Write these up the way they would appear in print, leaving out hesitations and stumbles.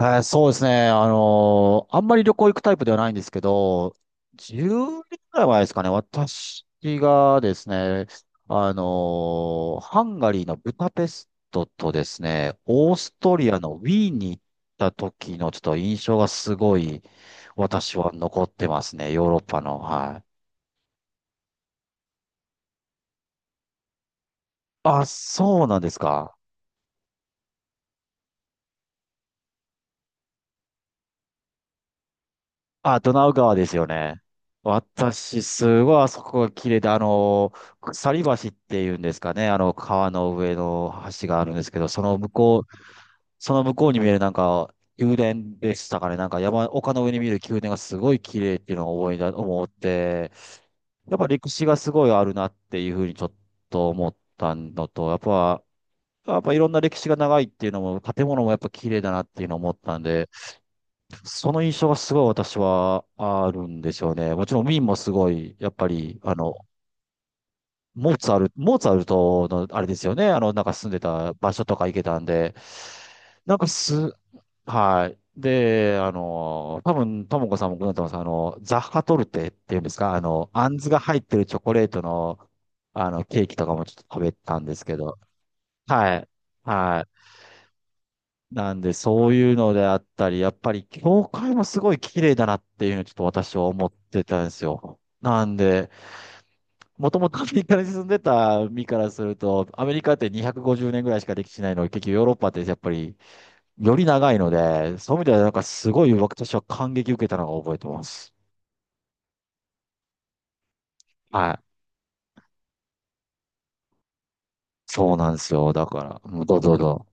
はい、そうですね。あんまり旅行行くタイプではないんですけど、10年ぐらい前ですかね、私がですね、ハンガリーのブダペストとですね、オーストリアのウィーンに行った時のちょっと印象がすごい、私は残ってますね、ヨーロッパの。はい。あ、そうなんですか。あ、ドナウ川ですよね。私、すごいあそこが綺麗で、鎖橋っていうんですかね、川の上の橋があるんですけど、その向こうに見えるなんか、宮殿でしたかね、なんか山、丘の上に見える宮殿がすごい綺麗っていうのを思いだ、思って、やっぱ歴史がすごいあるなっていうふうにちょっと思ったのと、やっぱいろんな歴史が長いっていうのも、建物もやっぱ綺麗だなっていうのを思ったんで、その印象がすごい私はあるんですよね。もちろんウィーンもすごい、やっぱり、モーツァルトのあれですよね。なんか住んでた場所とか行けたんで、なんかす、はい。で、多分、ともこさんもご存知だと思います。ザッハトルテっていうんですか、あんずが入ってるチョコレートの、ケーキとかもちょっと食べたんですけど、はい。はい。なんで、そういうのであったり、やっぱり教会もすごい綺麗だなっていうのをちょっと私は思ってたんですよ。なんで、もともとアメリカに住んでた身からすると、アメリカって250年ぐらいしか歴史ないのに、結局ヨーロッパってやっぱりより長いので、そういう意味ではなんかすごい私は感激受けたのを覚えてます。はい。そうなんですよ。だから、うん、どうぞどうぞ。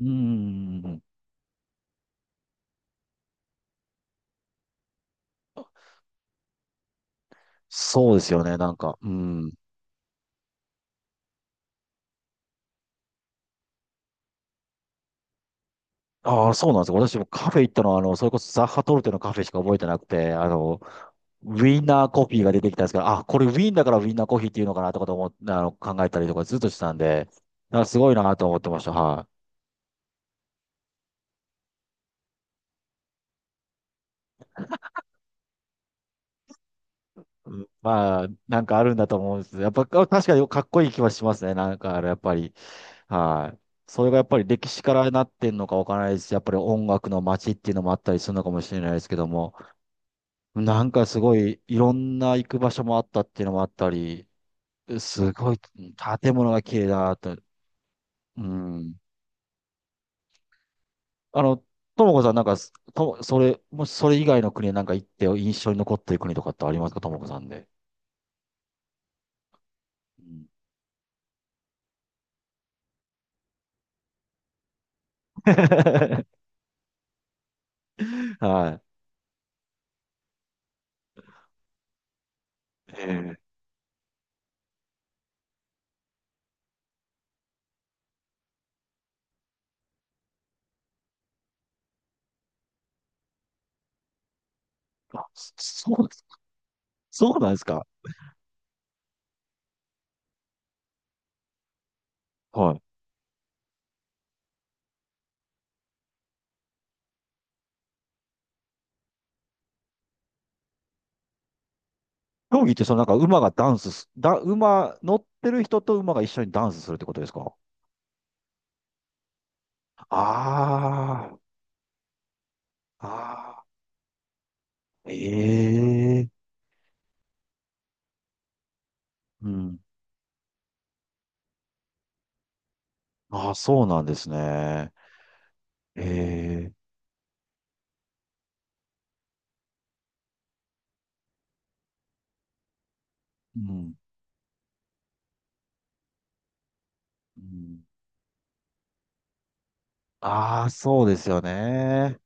うん。そうですよね。なんか、うん。ああ、そうなんですよ。私もカフェ行ったのは、それこそザッハトルテのカフェしか覚えてなくて、ウィンナーコーヒーが出てきたんですけど、あ、これウィーンだからウィンナーコーヒーっていうのかなとかと思っ、あの、考えたりとかずっとしてたんで、あ、すごいなと思ってました。はい。うん、まあ、なんかあるんだと思うんですけど。やっぱ、あ、確かにかっこいい気はしますね。なんか、やっぱり。はい。それがやっぱり歴史からなってんのかわからないですし、やっぱり音楽の街っていうのもあったりするのかもしれないですけども、なんかすごい、いろんな行く場所もあったっていうのもあったり、すごい、建物が綺麗だと。うん。あの、ともこさん、なんか、と、それ、もしそれ以外の国へなんか行って印象に残ってる国とかってありますか、ともこさんで。うん。 はい。ええ、あ、そそう、そうなんですか。はい。競技って、そのなんか馬がダンスす、だ、馬、乗ってる人と馬が一緒にダンスするってことですか？ああ、ああ、ええ、うん。ああ、そうなんですね。ええ、うん。うん、ああ、そうですよね。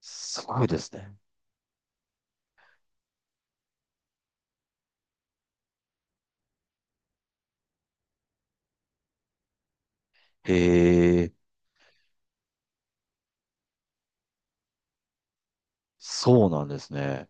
すごいですね。へえ、そうなんですね。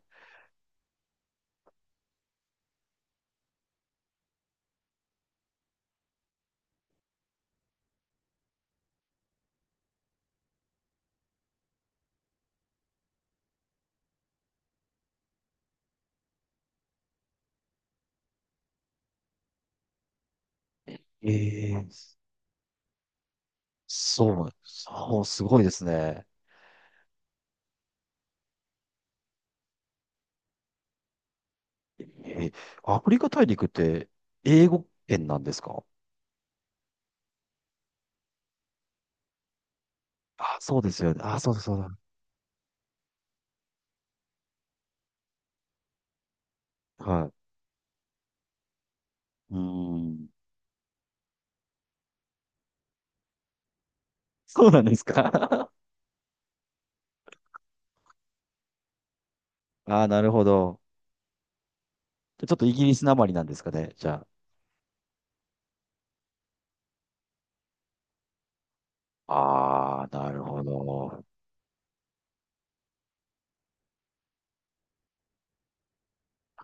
へえ、そう、そう、すごいですね。えー、アフリカ大陸って英語圏なんですか？あ、そうですよね。あ、そうだ、そうだ。はい。うーん。そうなんですか？ あー、なるほど。じゃあちょっとイギリスなまりなんですかね、じゃあ。ああ、なるほど。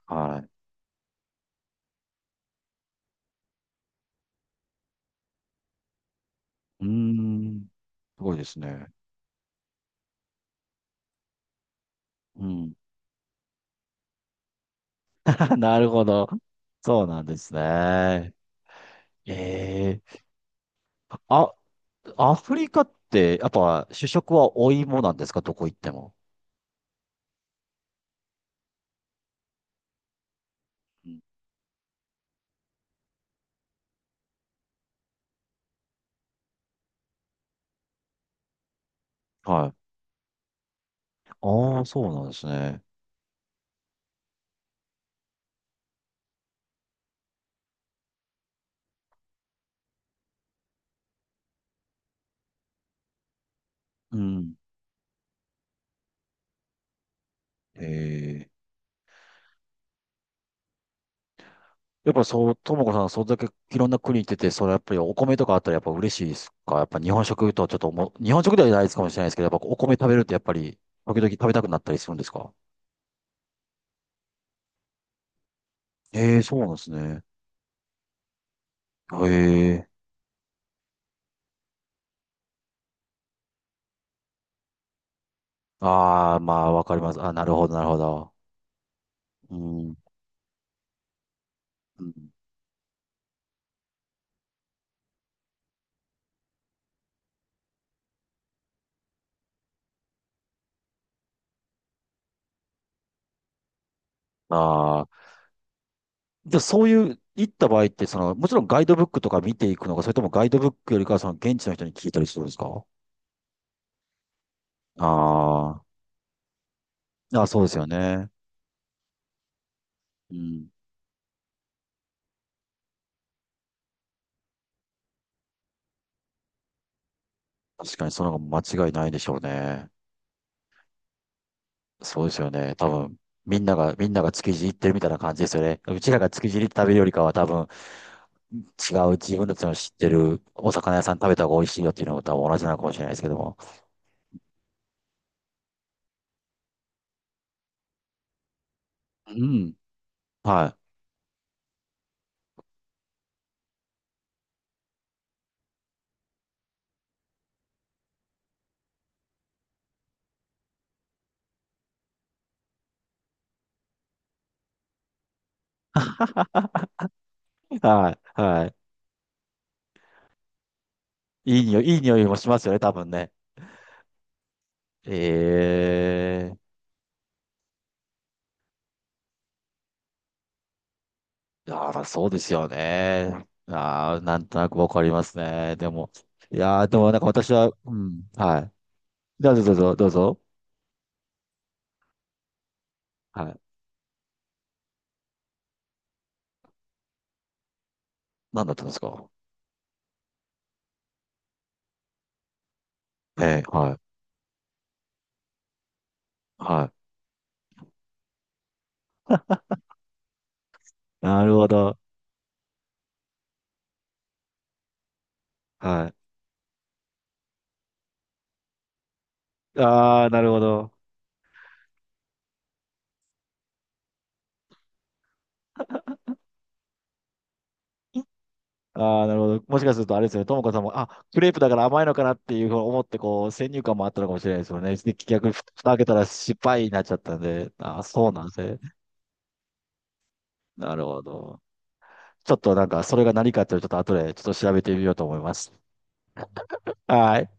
はい。うーん。すごいですね。うん。なるほど。そうなんですね。ええ、あ、アフリカって、やっぱ主食はお芋なんですか、どこ行っても？うん、はい。ああ、そうなんですね。うん。ええ、やっぱそう、ともこさん、それだけいろんな国行ってて、それやっぱりお米とかあったらやっぱ嬉しいですか？やっぱ日本食とはちょっともう、日本食ではないですかもしれないですけど、やっぱお米食べるってやっぱり、時々食べたくなったりするんですか？ええ、そうなんですね。ええ、ああ、まあ、わかります。あ、なるほど、なるほど。うん、うん、ああ、じゃあそういう、行った場合って、その、もちろんガイドブックとか見ていくのか、それともガイドブックよりかは、その現地の人に聞いたりするんですか？ああ、あ、そうですよね。うん。確かにその方が間違いないでしょうね。そうですよね。多分、みんなが築地行ってるみたいな感じですよね。うちらが築地に行って食べるよりかは、多分、違う自分たちの知ってるお魚屋さん食べた方が美味しいよっていうのも多分同じなのかもしれないですけども。うん。はい。はい。はい。いい匂い、いい匂いもしますよね、多分ね。ええ、あら、そうですよね。ああ、なんとなくわかりますね。でも、いやー、でもなんか私は、うん、はい。じゃあ、どうぞ、どうぞ、どうぞ。はい。なんだったんですか？ええ、はい、はい。なるほど。はい。ああ、なるほど。ああ、なるほど。もしかするとあれですよね。ともかさんも、あ、クレープだから甘いのかなっていうふうに思って、こう、先入観もあったのかもしれないですよね。で逆にふ蓋開けたら失敗になっちゃったんで、ああ、そうなんですね。なるほど。ちょっとなんか、それが何かっていうのをちょっと後でちょっと調べてみようと思います。はい。